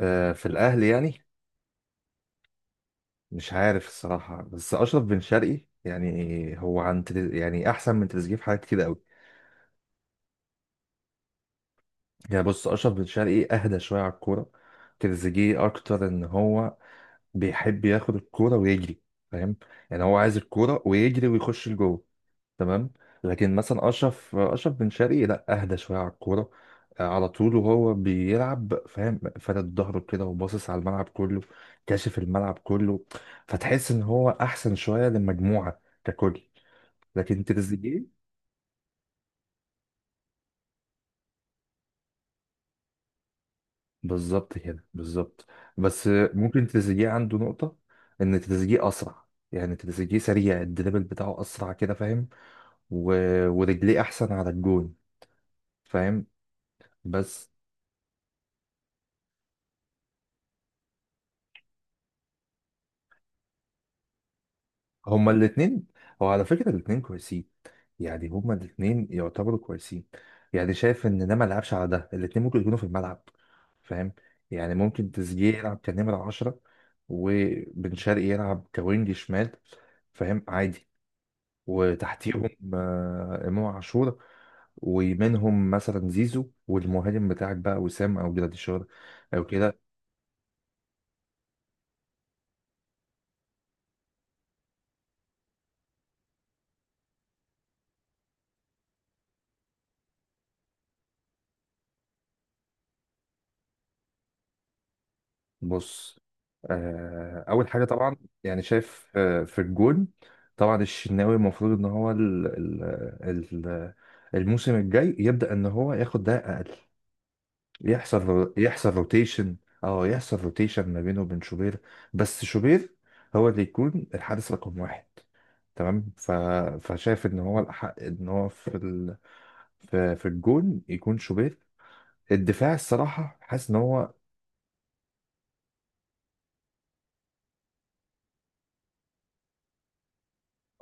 في الأهلي يعني. مش عارف الصراحة، بس أشرف بن شرقي يعني هو عن تريز يعني أحسن من تريزيجيه في حاجات كتير أوي. يعني بص، أشرف بن شرقي أهدى شوية على الكورة. تريزيجيه أكتر إن هو بيحب ياخد الكورة ويجري، فاهم؟ يعني هو عايز الكورة ويجري ويخش لجوه، تمام؟ لكن مثلا اشرف بن شرقي لا، اهدى شويه على الكوره. على طول وهو بيلعب، فاهم، فارد ظهره كده وباصص على الملعب كله، كاشف الملعب كله. فتحس ان هو احسن شويه للمجموعه ككل. لكن تريزيجيه، بالظبط كده بالظبط. بس ممكن تريزيجيه عنده نقطه ان تريزيجيه اسرع. يعني تريزيجيه سريع، الدريبل بتاعه اسرع كده، فاهم؟ و... ورجليه احسن على الجون، فاهم؟ بس هما الاتنين، هو على فكرة الاتنين كويسين. يعني هما الاتنين يعتبروا كويسين. يعني شايف ان ده ما لعبش، على ده الاتنين ممكن يكونوا في الملعب، فاهم؟ يعني ممكن تريزيجيه يلعب كنمرة عشرة، وبن شرقي يلعب كوينج شمال، فاهم؟ عادي. وتحتيهم امام عاشور. ومنهم مثلا زيزو، والمهاجم بتاعك بقى، وسام او جراديشار او كده. بص، اول حاجه طبعا، يعني شايف في الجون، طبعا الشناوي المفروض ان هو ال ال ال الموسم الجاي يبدا ان هو ياخد ده اقل. يحصل يحصل روتيشن. اه، يحصل روتيشن ما بينه وبين شوبير، بس شوبير هو اللي يكون الحارس رقم واحد. تمام، فشايف ان هو الاحق ان هو في الجون يكون شوبير. الدفاع الصراحه حاسس ان هو،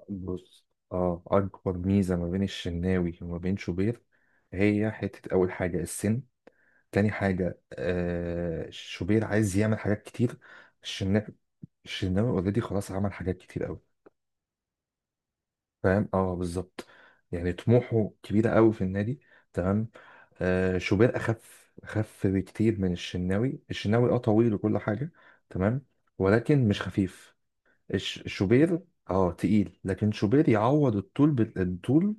بص، اه، اكبر ميزه ما بين الشناوي وما بين شوبير هي حته، اول حاجه السن، تاني حاجه آه، شوبير عايز يعمل حاجات كتير. الشناوي الشناوي اوريدي خلاص عمل حاجات كتير قوي. فاهم؟ اه بالظبط. يعني طموحه كبيره قوي في النادي، تمام. آه، شوبير اخف، اخف بكتير من الشناوي. الشناوي اه طويل وكل حاجه، تمام، ولكن مش خفيف. شوبير اه تقيل، لكن شوبير يعوض الطول بالطول،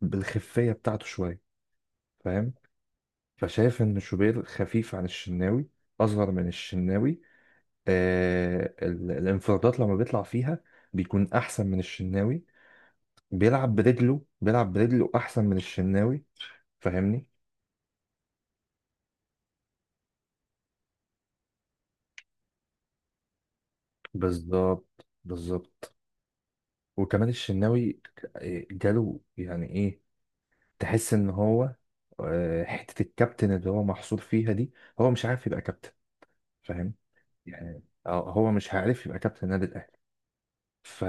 بالخفية بتاعته شوية، فاهم؟ فشايف إن شوبير خفيف عن الشناوي، أصغر من الشناوي. آه، الانفرادات لما بيطلع فيها بيكون أحسن من الشناوي. بيلعب برجله، بيلعب برجله أحسن من الشناوي، فاهمني؟ بالظبط بالظبط. وكمان الشناوي جاله يعني إيه، تحس إن هو، حتة الكابتن اللي هو محصور فيها دي، هو مش عارف يبقى كابتن، فاهم؟ يعني هو مش عارف يبقى كابتن النادي الأهلي. ف...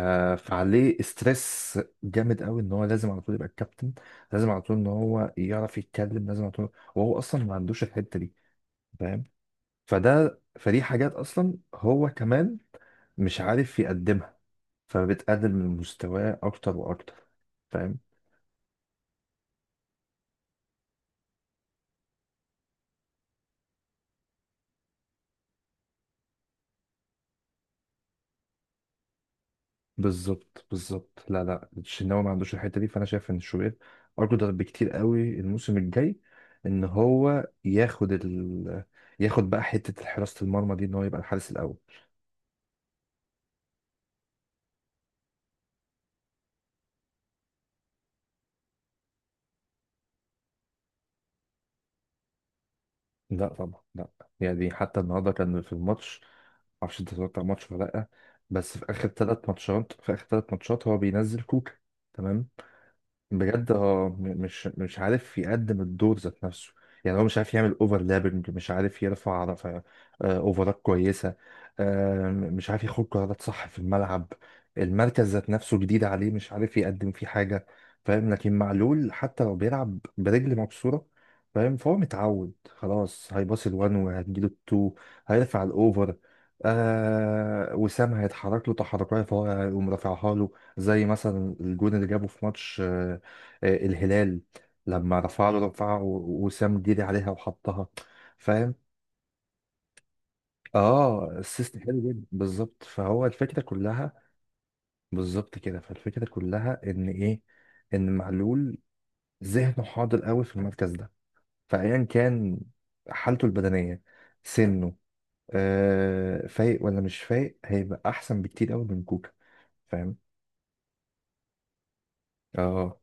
فعليه استرس جامد قوي ان هو لازم على طول يبقى الكابتن، لازم على طول ان هو يعرف يتكلم لازم على طول، وهو اصلا ما عندوش الحتة دي، فاهم؟ فده، فدي حاجات اصلا هو كمان مش عارف يقدمها، فبتقلل من مستواه اكتر واكتر، فاهم؟ بالظبط بالظبط. لا لا، الشناوي ما عندوش الحتة دي. فانا شايف ان شوبير اقدر بكتير قوي الموسم الجاي ان هو ياخد ياخد بقى حتة حراسة المرمى دي، ان هو يبقى الحارس الاول. لا طبعا لا. يعني حتى النهارده كان في الماتش، معرفش انت اتفرجت على الماتش ولا لا، بس في اخر ثلاث ماتشات، في اخر ثلاث ماتشات هو بينزل كوكا. تمام، بجد اه، مش عارف يقدم الدور ذات نفسه. يعني هو مش عارف يعمل اوفرلابنج، مش عارف يرفع اوفرات كويسه. مش عارف ياخد قرارات صح في الملعب، المركز ذات نفسه جديد عليه، مش عارف يقدم فيه حاجه، فاهم؟ لكن معلول حتى لو بيلعب برجل مكسوره، فاهم، فهو متعود خلاص. هيباص الوان وهتجيله التو، هيرفع الاوفر. آه، وسام هيتحرك له تحركات، فهو هيقوم رافعها له. زي مثلا الجون اللي جابه في ماتش الهلال، لما رفع له رفعه وسام ديري عليها وحطها، فاهم؟ اه السيستم حلو جدا، بالظبط. فهو الفكره كلها، بالظبط كده، فالفكره كلها ان ايه؟ ان معلول ذهنه حاضر قوي في المركز ده، فايا كان حالته البدنيه، سنه، آه، فايق ولا مش فايق، هيبقى احسن بكتير قوي من كوكا، فاهم؟ اه.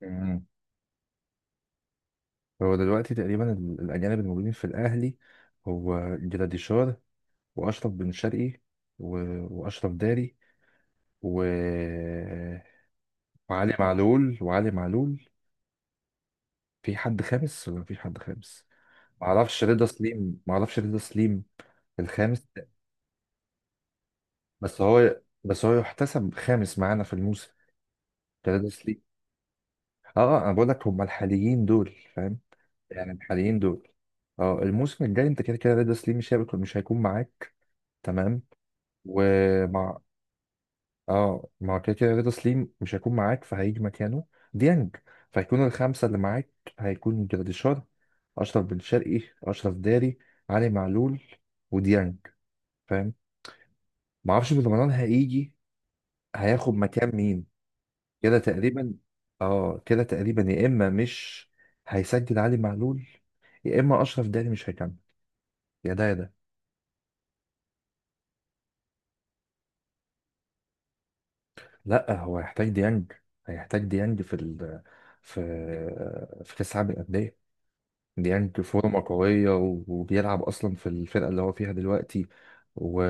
مم. هو دلوقتي تقريبا الاجانب الموجودين في الاهلي هو جراديشار، واشرف بن شرقي، و... واشرف داري، و... وعلي معلول. في حد خامس ولا مفيش حد خامس؟ معرفش، رضا سليم، معرفش رضا سليم الخامس، بس هو يحتسب خامس معانا في الموسم ده، رضا سليم. اه، آه، انا بقول لك هم الحاليين دول، فاهم؟ يعني الحاليين دول. اه، الموسم الجاي انت كده كده رضا سليم مش هيكون معاك، تمام. ومع، اه، ما هو كده كده رضا سليم مش هيكون معاك فهيجي مكانه ديانج، فهيكون الخمسة اللي معاك هيكون جراديشار، أشرف بن شرقي، أشرف داري، علي معلول، وديانج، فاهم؟ معرفش بالمران هيجي هياخد مكان مين. كده تقريبا. اه كده تقريبا، يا إما مش هيسجل علي معلول، يا إما أشرف داري مش هيكمل، يا ده يا ده. لأ هو هيحتاج ديانج، هيحتاج ديانج في في كأس العالم للأندية. ديانج فورمة قوية، وبيلعب أصلا في الفرقة اللي هو فيها دلوقتي، و...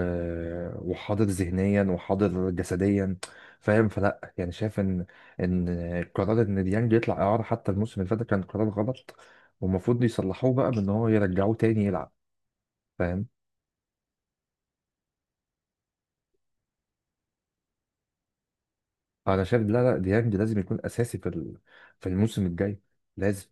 وحاضر ذهنيا وحاضر جسديا، فاهم؟ فلا يعني شايف إن قرار إن ديانج يطلع إعارة حتى الموسم اللي فات ده كان قرار غلط، والمفروض يصلحوه بقى بإن هو يرجعوه تاني يلعب، فاهم؟ أنا شايف، لا لا، ديانج لازم يكون أساسي في الموسم الجاي، لازم.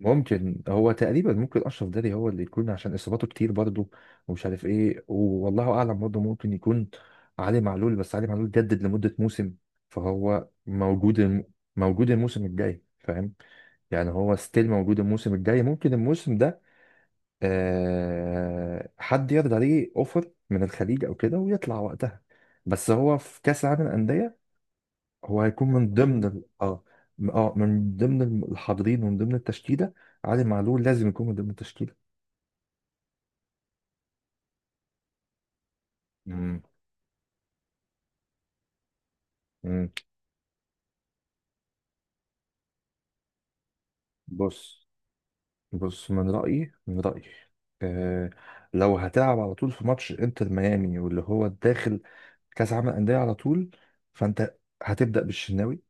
ممكن، هو تقريبا ممكن اشرف داري هو اللي يكون عشان اصاباته كتير برضه، ومش عارف ايه والله اعلم. برضه ممكن يكون علي معلول، بس علي معلول جدد لمده موسم، فهو موجود موجود الموسم الجاي، فاهم؟ يعني هو ستيل موجود الموسم الجاي. ممكن الموسم ده آه حد يرضى عليه اوفر من الخليج او كده ويطلع وقتها. بس هو في كاس العالم للانديه هو هيكون من ضمن اه، اه، من ضمن الحاضرين، ومن ضمن التشكيله. علي معلول لازم يكون من ضمن التشكيله. مم. مم. بص، بص، من رايي، من رايي آه، لو هتلعب على طول في ماتش انتر ميامي واللي هو داخل كاس عالم الانديه على طول، فانت هتبدا بالشناوي،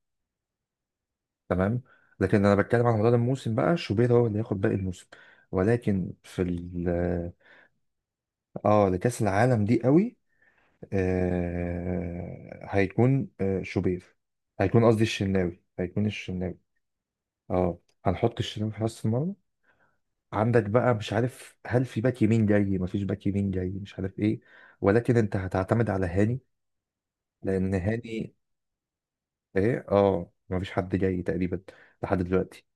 تمام. لكن انا بتكلم على مدار الموسم بقى، شوبير هو اللي هياخد باقي الموسم، ولكن في ال اه، لكاس العالم دي قوي، آه، هيكون آه شوبير، هيكون قصدي الشناوي، هيكون الشناوي. اه، هنحط الشناوي في حراسة المرمى. عندك بقى مش عارف هل في باك يمين جاي، مفيش باك يمين جاي، مش عارف ايه، ولكن انت هتعتمد على هاني، لان هاني، ايه، اه مفيش حد جاي تقريبا لحد دلوقتي.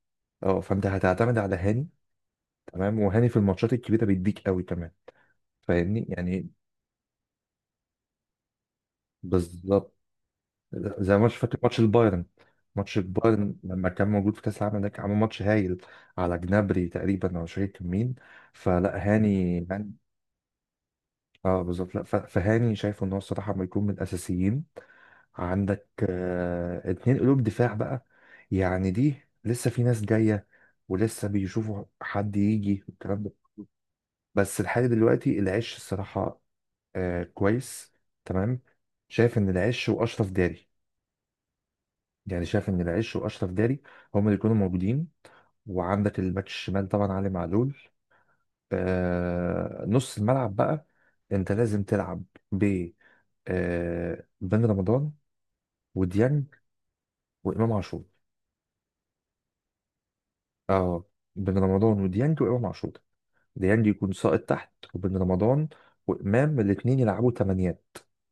اه، فانت هتعتمد على هاني، تمام. وهاني في الماتشات الكبيرة بيديك قوي كمان، فاهمني يعني؟ بالظبط، زي ماتش، فاكر ماتش البايرن؟ ماتش البايرن لما كان موجود في كاس العالم ده، كان عامل ماتش هايل على جنابري تقريبا او مش فاكر كان مين. فلا، هاني اه بالظبط. لا فهاني شايفه ان هو الصراحه ما يكون من الاساسيين. عندك آه اتنين قلوب دفاع بقى. يعني دي لسه في ناس جايه، ولسه بيشوفوا حد يجي والكلام ده. بس لحد دلوقتي العش الصراحه آه كويس، تمام. شايف ان العش واشرف داري، يعني شايف ان العش واشرف داري هم اللي يكونوا موجودين. وعندك الباك الشمال طبعا علي معلول. آه، نص الملعب بقى انت لازم تلعب ب، آه، بن رمضان، وديانج، وامام عاشور. اه، بن رمضان وديانج وامام عاشور، ديانج يكون ساقط تحت، وبن رمضان وامام الاثنين يلعبوا تمانيات،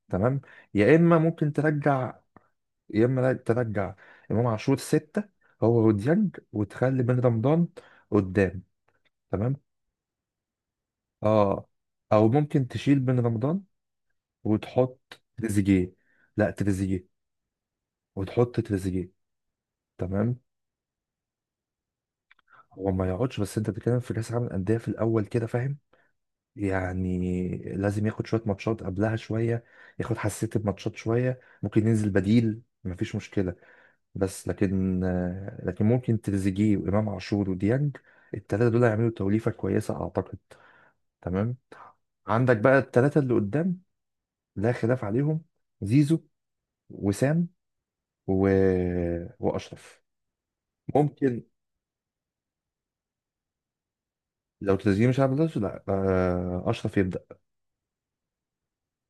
تمام. يا اما ممكن ترجع، يا اما ترجع امام عاشور ستة، هو وديانج، وتخلي بن رمضان قدام، تمام. اه، او ممكن تشيل بن رمضان وتحط تريزيجيه. لا تريزيجيه، وتحط تريزيجيه، تمام. هو ما يقعدش، بس انت بتتكلم في كاس العالم للانديه في الاول كده، فاهم؟ يعني لازم ياخد شويه ماتشات قبلها شويه، ياخد حساسيه الماتشات شويه، ممكن ينزل بديل مفيش مشكله. بس لكن لكن ممكن تريزيجيه وامام عاشور وديانج الثلاثه دول هيعملوا توليفه كويسه اعتقد، تمام. عندك بقى الثلاثه اللي قدام لا خلاف عليهم، زيزو، وسام، و... واشرف. ممكن، لو تشجيع مش عارف ده، لا اشرف يبدا.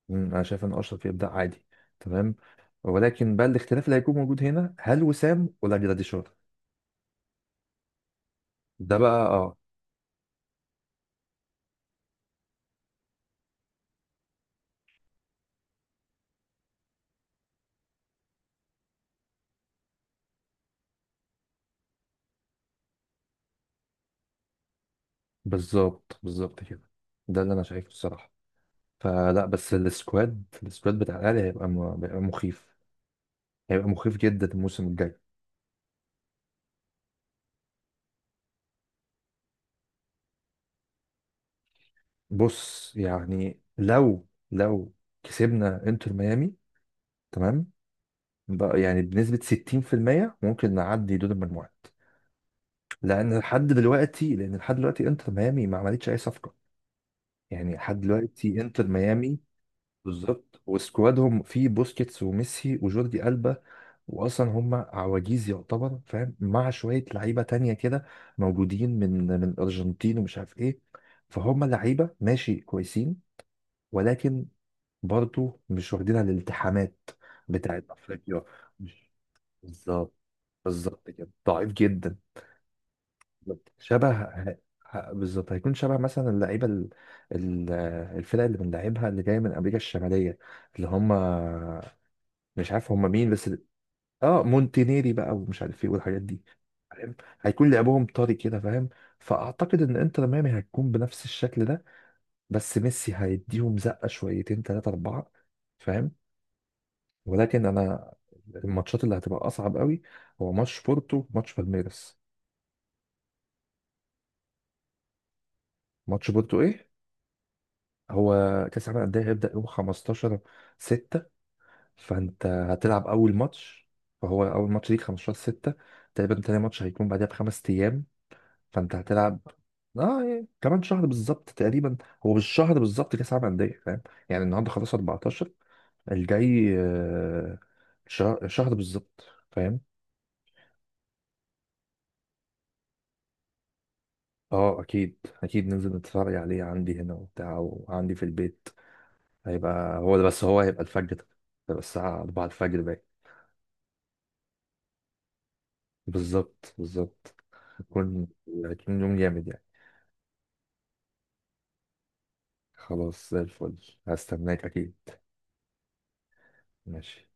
مم، انا شايف ان اشرف يبدا عادي، تمام. ولكن بقى الاختلاف اللي هيكون موجود هنا، هل وسام ولا جراديشار؟ ده بقى اه. بالظبط بالظبط كده، ده اللي انا شايفه الصراحه. فلا، بس السكواد، السكواد بتاع الاهلي هيبقى هيبقى مخيف، هيبقى مخيف جدا الموسم الجاي. بص يعني، لو كسبنا انتر ميامي، تمام، بقى يعني بنسبة 60% ممكن نعدي دور المجموعات. لأن لحد دلوقتي انتر ميامي ما عملتش أي صفقة. يعني لحد دلوقتي انتر ميامي، بالظبط. وسكوادهم فيه بوسكيتس وميسي وجوردي ألبا، وأصلا هم عواجيز يعتبر، فاهم، مع شوية لعيبة تانية كده موجودين من الأرجنتين ومش عارف إيه. فهم لعيبة ماشي كويسين، ولكن برضه مش واخدين على الالتحامات بتاعت أفريقيا. بالظبط، بالظبط كده، ضعيف جدا. بالظبط. بالظبط، هيكون شبه مثلا ال- الفرق اللي بنلعبها اللي جايه من امريكا الشماليه، اللي هم مش عارف هم مين بس. اه مونتينيري بقى ومش عارف ايه والحاجات دي، فاهم؟ هيكون لعبهم طري كده، فاهم؟ فاعتقد ان انتر ميامي هتكون بنفس الشكل ده، بس ميسي هيديهم زقه، شويتين ثلاثه اربعه، فاهم؟ ولكن انا، الماتشات اللي هتبقى اصعب قوي هو ماتش بورتو، ماتش بالميرس. ماتش بورتو ايه؟ هو كاس العالم للانديه هيبدا يوم 15 6، فانت هتلعب اول ماتش، فهو اول ماتش ليك 15 6 تقريبا. تاني ماتش هيكون بعدها بخمس ايام، فانت هتلعب، اه يعني كمان شهر بالظبط تقريبا. هو بالشهر بالظبط كاس العالم للانديه، فاهم؟ يعني النهارده خلاص 14، الجاي شهر، شهر بالظبط، فاهم؟ اه اكيد اكيد ننزل نتفرج عليه عندي هنا وبتاع، وعندي في البيت. هيبقى هو ده، بس هو هيبقى الفجر، هيبقى الساعة 4 الفجر باين. بالظبط بالظبط، هيكون، هيكون يوم جامد يعني. خلاص زي الفل، هستناك أكيد. ماشي.